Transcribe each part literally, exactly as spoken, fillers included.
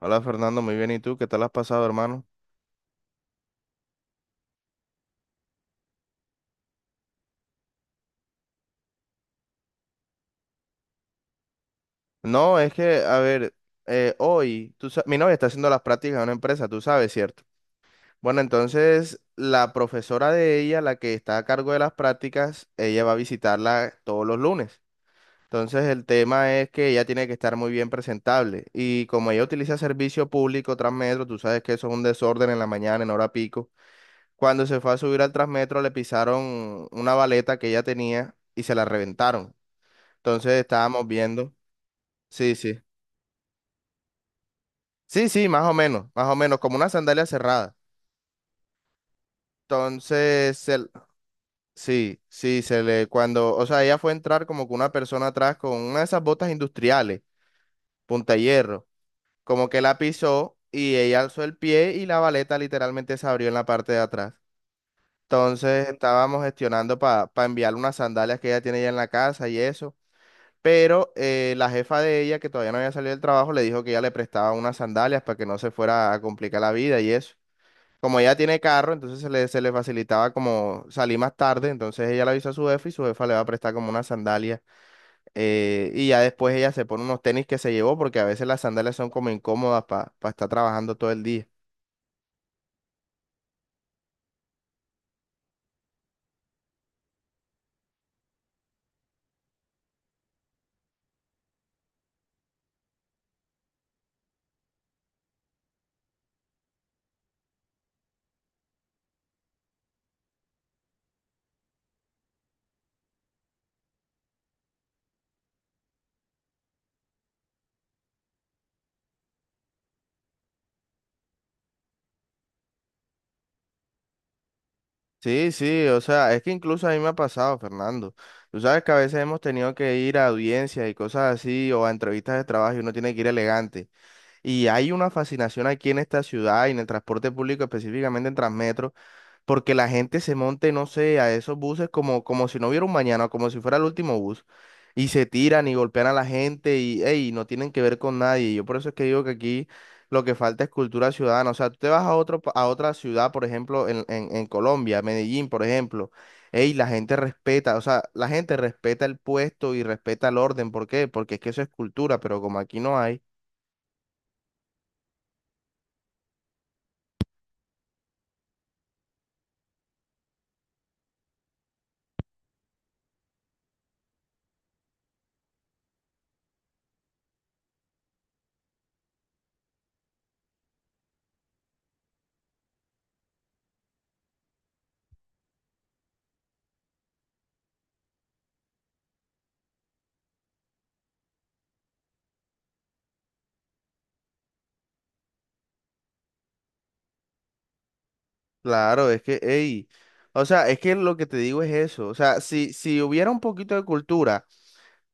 Hola Fernando, muy bien. ¿Y tú? ¿Qué tal has pasado, hermano? No, es que, a ver, eh, hoy tú sa- mi novia está haciendo las prácticas en una empresa, tú sabes, ¿cierto? Bueno, entonces la profesora de ella, la que está a cargo de las prácticas, ella va a visitarla todos los lunes. Entonces el tema es que ella tiene que estar muy bien presentable. Y como ella utiliza servicio público, Transmetro, tú sabes que eso es un desorden en la mañana, en hora pico. Cuando se fue a subir al Transmetro le pisaron una baleta que ella tenía y se la reventaron. Entonces estábamos viendo. Sí, sí. Sí, sí, más o menos, más o menos, como una sandalia cerrada. Entonces, se l- sí, sí, se le, cuando, o sea, ella fue a entrar como que una persona atrás con una de esas botas industriales, punta hierro, como que la pisó y ella alzó el pie y la baleta literalmente se abrió en la parte de atrás. Entonces, estábamos gestionando para enviarle unas sandalias que ella tiene ya en la casa y eso. Pero eh, la jefa de ella, que todavía no había salido del trabajo, le dijo que ella le prestaba unas sandalias para que no se fuera a complicar la vida y eso. Como ella tiene carro, entonces se le, se le facilitaba como salir más tarde, entonces ella le avisó a su jefa y su jefa le va a prestar como unas sandalias. Eh, y ya después ella se pone unos tenis que se llevó porque a veces las sandalias son como incómodas para estar trabajando todo el día. Sí, sí, o sea, es que incluso a mí me ha pasado, Fernando. Tú sabes que a veces hemos tenido que ir a audiencias y cosas así o a entrevistas de trabajo y uno tiene que ir elegante. Y hay una fascinación aquí en esta ciudad y en el transporte público, específicamente en Transmetro, porque la gente se monte, no sé, a esos buses como, como si no hubiera un mañana, como si fuera el último bus. Y se tiran y golpean a la gente y ey, no tienen que ver con nadie. Yo por eso es que digo que aquí lo que falta es cultura ciudadana. O sea, tú te vas a otro, pa- a otra ciudad, por ejemplo, en, en, en Colombia, Medellín, por ejemplo. Ey, la gente respeta, o sea, la gente respeta el puesto y respeta el orden. ¿Por qué? Porque es que eso es cultura, pero como aquí no hay. Claro, es que, ey, o sea, es que lo que te digo es eso, o sea, si, si hubiera un poquito de cultura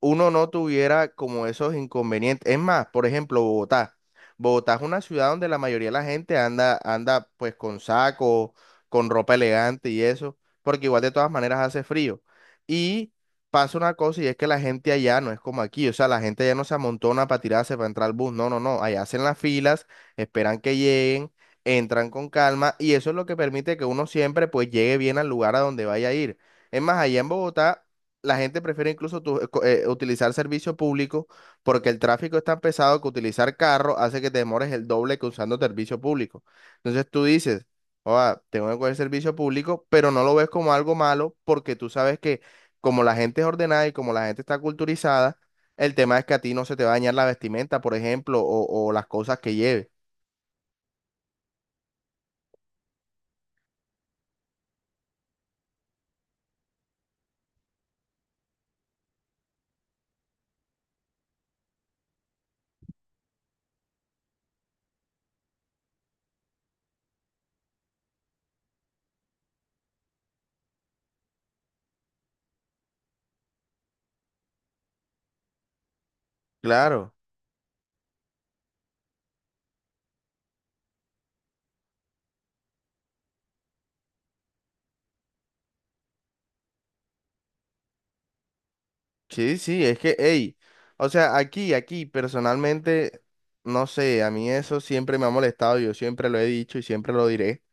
uno no tuviera como esos inconvenientes. Es más, por ejemplo, Bogotá. Bogotá es una ciudad donde la mayoría de la gente anda, anda pues con saco, con ropa elegante y eso, porque igual de todas maneras hace frío. Y pasa una cosa y es que la gente allá no es como aquí, o sea, la gente allá no se amontona para tirarse, para entrar al bus, no, no, no, allá hacen las filas, esperan que lleguen, entran con calma y eso es lo que permite que uno siempre pues llegue bien al lugar a donde vaya a ir. Es más, allá en Bogotá la gente prefiere incluso tu- co- eh, utilizar servicio público porque el tráfico es tan pesado que utilizar carro hace que te demores el doble que usando servicio público. Entonces tú dices, "Joda, tengo que coger servicio público, pero no lo ves como algo malo porque tú sabes que como la gente es ordenada y como la gente está culturizada, el tema es que a ti no se te va a dañar la vestimenta, por ejemplo, o, o las cosas que lleves". Claro. Sí, sí, es que, hey, o sea, aquí, aquí, personalmente, no sé, a mí eso siempre me ha molestado, yo siempre lo he dicho y siempre lo diré.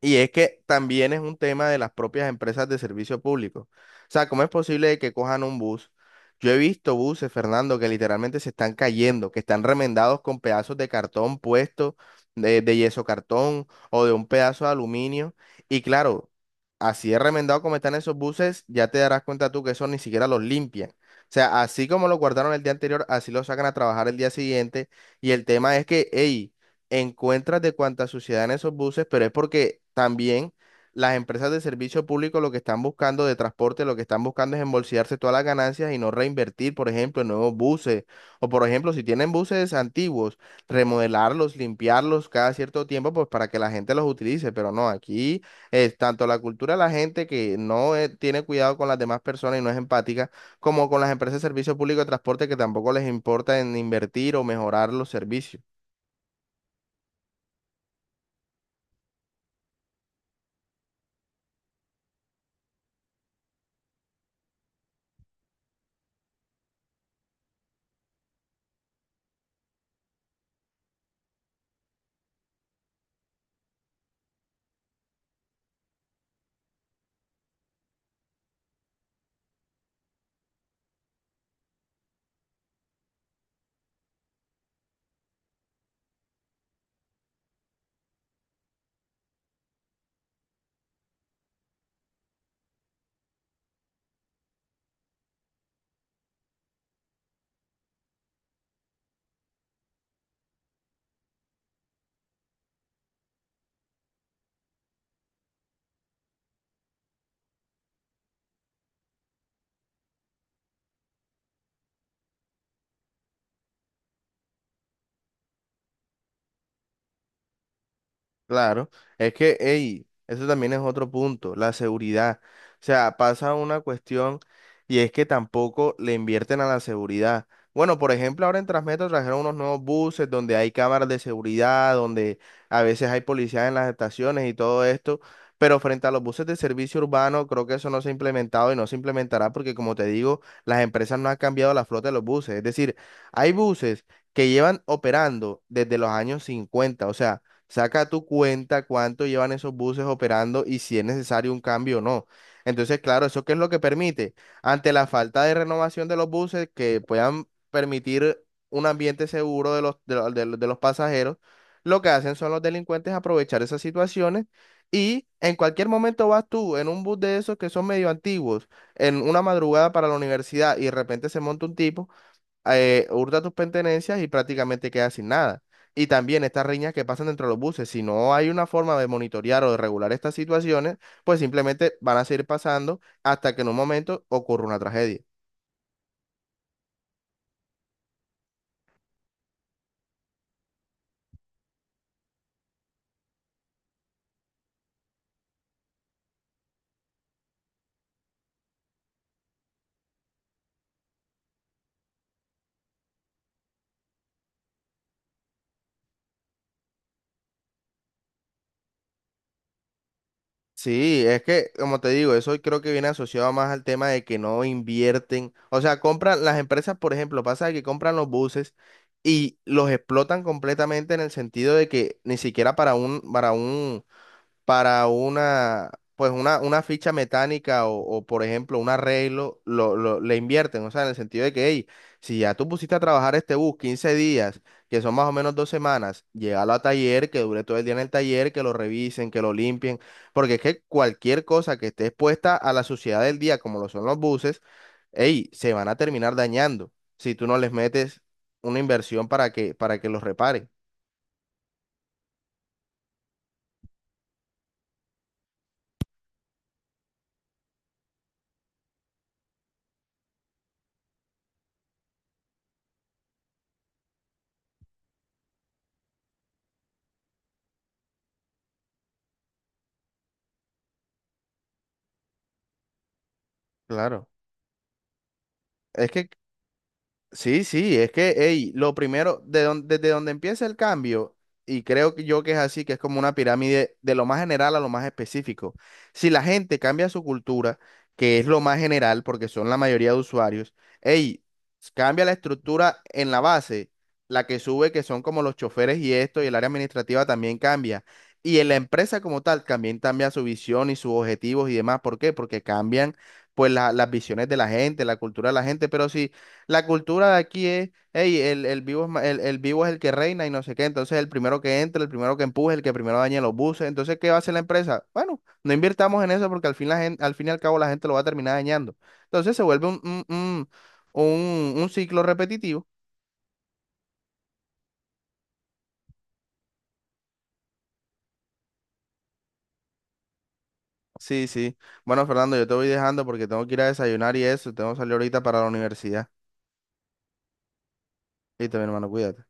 Y es que también es un tema de las propias empresas de servicio público. O sea, ¿cómo es posible que cojan un bus? Yo he visto buses, Fernando, que literalmente se están cayendo, que están remendados con pedazos de cartón puesto, de, de yeso cartón o de un pedazo de aluminio. Y claro, así de remendado como están esos buses, ya te darás cuenta tú que eso ni siquiera los limpian. O sea, así como lo guardaron el día anterior, así lo sacan a trabajar el día siguiente. Y el tema es que, hey, encuentras de cuánta suciedad en esos buses, pero es porque también las empresas de servicio público lo que están buscando de transporte, lo que están buscando es embolsillarse todas las ganancias y no reinvertir, por ejemplo, en nuevos buses. O por ejemplo, si tienen buses antiguos, remodelarlos, limpiarlos cada cierto tiempo, pues para que la gente los utilice. Pero no, aquí es tanto la cultura de la gente que no eh, tiene cuidado con las demás personas y no es empática, como con las empresas de servicio público de transporte que tampoco les importa en invertir o mejorar los servicios. Claro, es que, ey, eso también es otro punto, la seguridad. O sea, pasa una cuestión y es que tampoco le invierten a la seguridad. Bueno, por ejemplo, ahora en Transmetro trajeron unos nuevos buses donde hay cámaras de seguridad, donde a veces hay policías en las estaciones y todo esto, pero frente a los buses de servicio urbano, creo que eso no se ha implementado y no se implementará porque, como te digo, las empresas no han cambiado la flota de los buses. Es decir, hay buses que llevan operando desde los años cincuenta, o sea saca tu cuenta cuánto llevan esos buses operando y si es necesario un cambio o no. Entonces, claro, ¿eso qué es lo que permite? Ante la falta de renovación de los buses que puedan permitir un ambiente seguro de los, de los, de los de los pasajeros, lo que hacen son los delincuentes aprovechar esas situaciones y en cualquier momento vas tú en un bus de esos que son medio antiguos, en una madrugada para la universidad y de repente se monta un tipo eh, hurta tus pertenencias y prácticamente quedas sin nada. Y también estas riñas que pasan dentro de los buses, si no hay una forma de monitorear o de regular estas situaciones, pues simplemente van a seguir pasando hasta que en un momento ocurra una tragedia. Sí, es que, como te digo, eso creo que viene asociado más al tema de que no invierten, o sea, compran las empresas, por ejemplo, pasa que compran los buses y los explotan completamente en el sentido de que ni siquiera para un, para un para una, pues una, una ficha mecánica o, o, por ejemplo, un arreglo, lo, lo- le invierten, o sea, en el sentido de que, hey, si ya tú pusiste a trabajar este bus quince días, que son más o menos dos semanas, llévalo a taller, que dure todo el día en el taller, que lo revisen, que lo limpien, porque es que cualquier cosa que esté expuesta a la suciedad del día, como lo son los buses, hey, se van a terminar dañando si tú no les metes una inversión para que, para que los reparen. Claro. Es que sí, sí, es que, ey, lo primero, de don- desde donde empieza el cambio, y creo que yo que es así, que es como una pirámide de lo más general a lo más específico. Si la gente cambia su cultura, que es lo más general, porque son la mayoría de usuarios, ey, cambia la estructura en la base, la que sube, que son como los choferes y esto, y el área administrativa también cambia. Y en la empresa como tal también cambia su visión y sus objetivos y demás. ¿Por qué? Porque cambian pues la- las visiones de la gente, la cultura de la gente, pero sí. La cultura de aquí es, hey, el, el vivo es, ma- el, el vivo es el que reina y no sé qué. Entonces, el primero que entra, el primero que empuje, el que primero dañe los buses. Entonces, ¿qué va a hacer la empresa? Bueno, no invirtamos en eso porque al fin, la gen- al fin y al cabo la gente lo va a terminar dañando. Entonces, se vuelve un, un, un, un- un ciclo repetitivo. Sí, sí. Bueno, Fernando, yo te voy dejando porque tengo que ir a desayunar y eso. Tengo que salir ahorita para la universidad. Listo, mi hermano, cuídate.